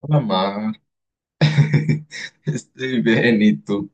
Hola, Mar. Estoy bien, ¿y tú?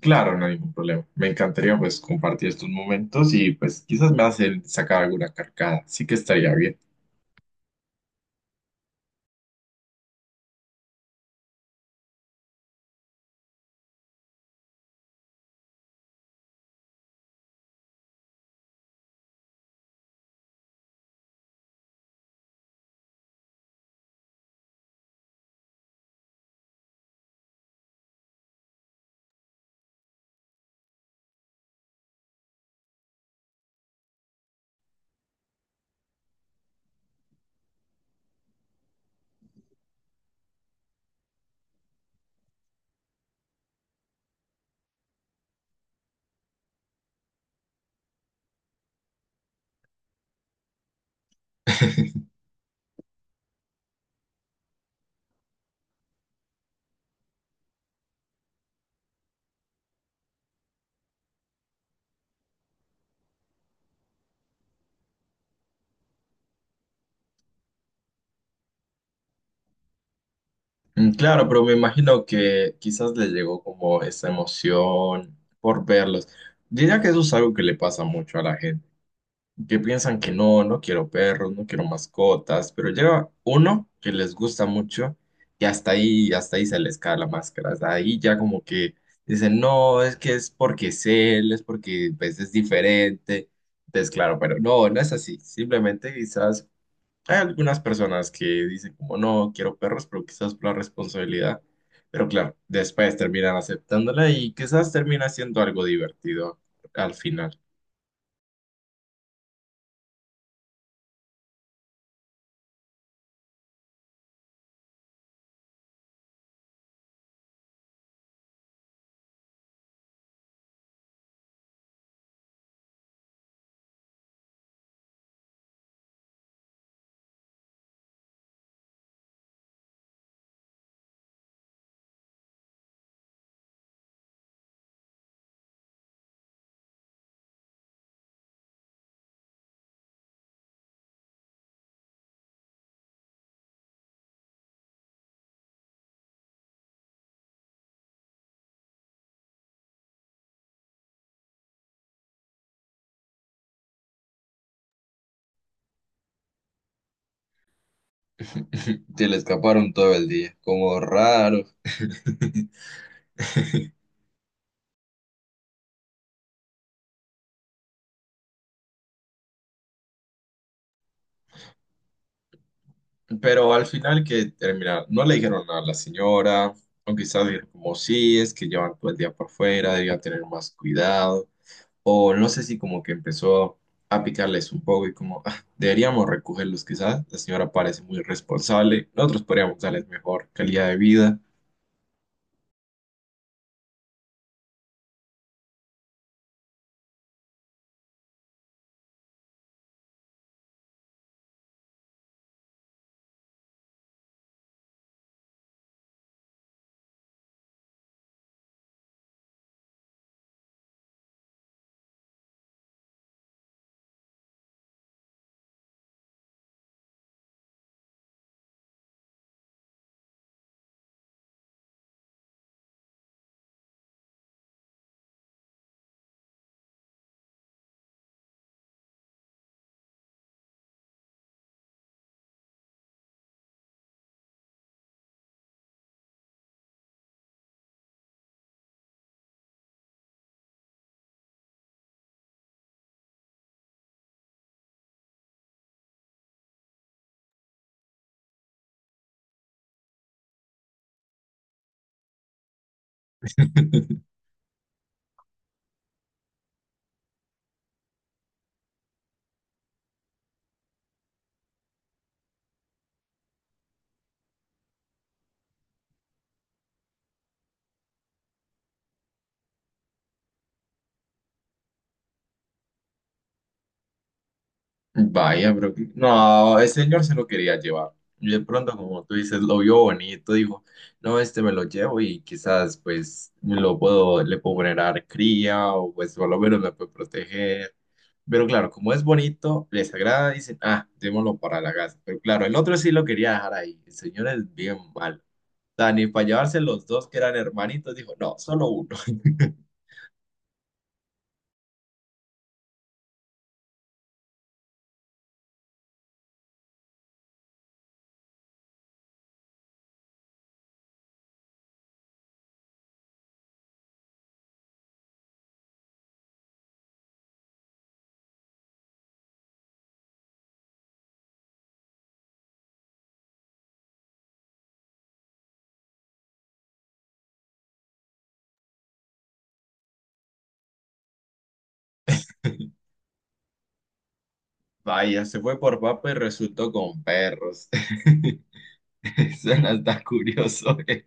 Claro, no hay ningún problema. Me encantaría pues compartir estos momentos y pues quizás me hacen sacar alguna carcada. Sí que estaría bien. Mm, claro, pero me imagino que quizás les llegó como esa emoción por verlos. Diría que eso es algo que le pasa mucho a la gente, que piensan que no, no quiero perros, no quiero mascotas, pero llega uno que les gusta mucho y hasta ahí se les cae la máscara, hasta ahí ya como que dicen, no, es que es porque es él, es porque pues, es diferente, entonces claro, pero no, no es así, simplemente quizás hay algunas personas que dicen como no, quiero perros, pero quizás por la responsabilidad, pero claro, después terminan aceptándola y quizás termina siendo algo divertido al final. Se le escaparon todo el día, como raro. Pero al final que terminaron, no le dijeron nada a la señora, o quizás dijeron como sí, es que llevan todo el día por fuera, debían tener más cuidado, o no sé si como que empezó a picarles un poco y como "Ah, deberíamos recogerlos quizás, la señora parece muy responsable, nosotros podríamos darles mejor calidad de vida". Vaya, pero no, el señor se lo quería llevar. Y de pronto, como tú dices, lo vio bonito, dijo, no, este me lo llevo y quizás pues le puedo generar cría o pues por lo menos me puede proteger. Pero claro, como es bonito, les agrada, dicen, ah, démoslo para la casa. Pero claro, el otro sí lo quería dejar ahí. El señor es bien malo. Dani, para llevarse los dos que eran hermanitos, dijo, no, solo uno. Vaya, se fue por papa y resultó con perros. Suena hasta curioso,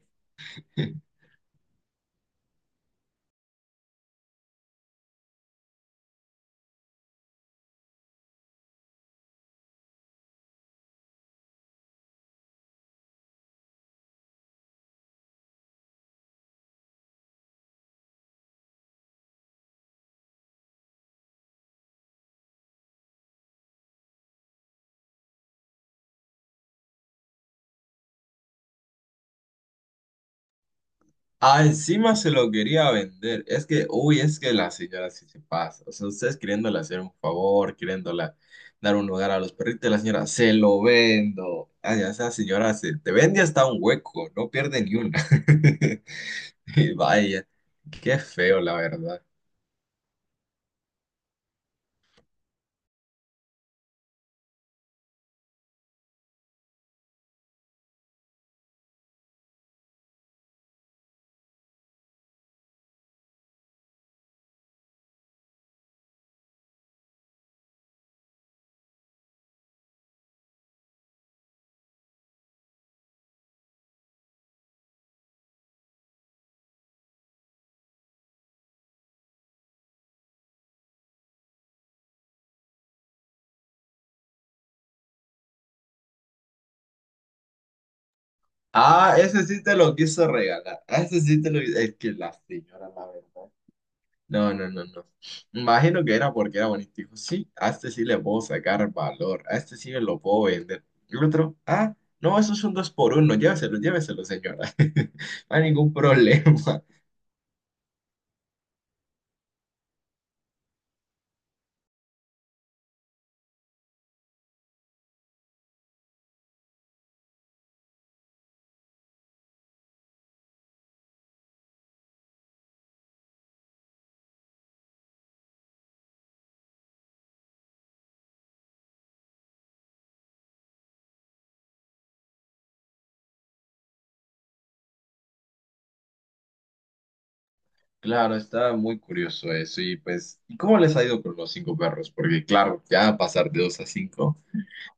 Ah, encima se lo quería vender. Es que, uy, es que la señora sí se pasa. O sea, ustedes queriéndole hacer un favor, queriéndola dar un lugar a los perritos, la señora, se lo vendo. Ah, ya esa señora se te vende hasta un hueco, no pierde ni una. Y vaya, qué feo, la verdad. Ah, ese sí te lo quiso regalar. Ah, ese sí te lo... Es que la señora, la verdad. No, no, no, no. Imagino que era porque era bonito. Dijo, sí, a este sí le puedo sacar valor, a este sí me lo puedo vender. El otro, ah, no, eso es un dos por uno, lléveselo, lléveselo, señora. No hay ningún problema. Claro, está muy curioso eso. Y pues, ¿y cómo les ha ido con los cinco perros? Porque claro, ya pasar de dos a cinco,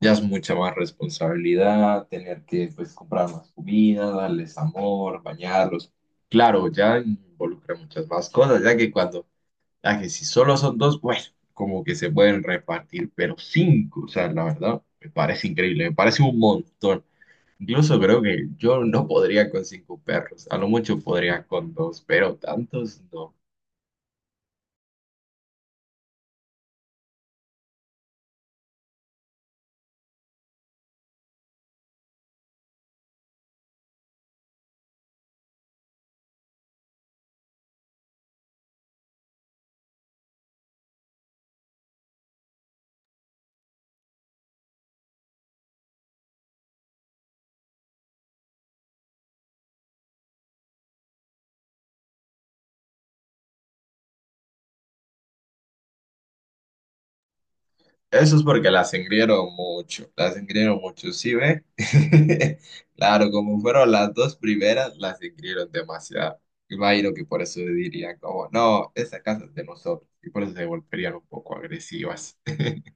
ya es mucha más responsabilidad, tener que pues comprar más comida, darles amor, bañarlos. Claro, ya involucra muchas más cosas, ya que cuando... A que si solo son dos, bueno, como que se pueden repartir, pero cinco, o sea, la verdad, me parece increíble, me parece un montón. Incluso creo que yo no podría con cinco perros, a lo mucho podría con dos, pero tantos no. Eso es porque las engrieron mucho, ¿sí ve? Claro, como fueron las dos primeras, las engrieron demasiado. Imagino que por eso dirían como, no, esa casa es de nosotros, y por eso se volverían un poco agresivas.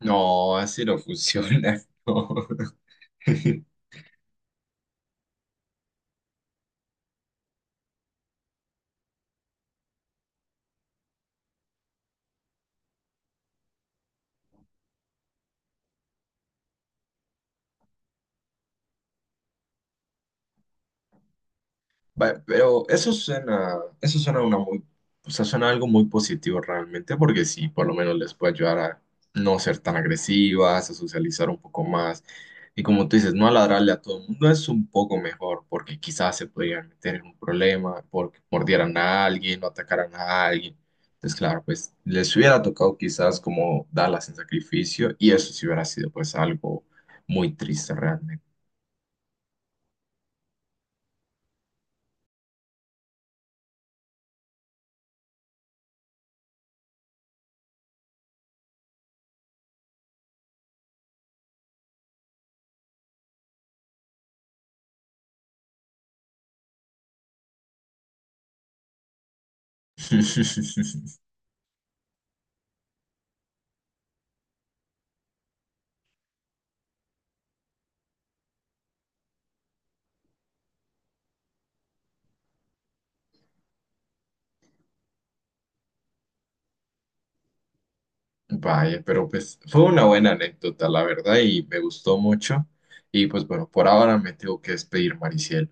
No, así no funciona. No. Va, pero eso suena una muy, o sea, suena algo muy positivo realmente, porque sí, por lo menos les puede ayudar a no ser tan agresivas, a socializar un poco más. Y como tú dices, no ladrarle a todo el mundo es un poco mejor, porque quizás se podrían meter en un problema, porque mordieran a alguien o atacaran a alguien. Entonces, claro, pues les hubiera tocado quizás como darlas en sacrificio, y eso sí hubiera sido pues algo muy triste realmente. Vaya, pero pues fue una buena anécdota, la verdad, y me gustó mucho. Y pues bueno, por ahora me tengo que despedir, Mariciel.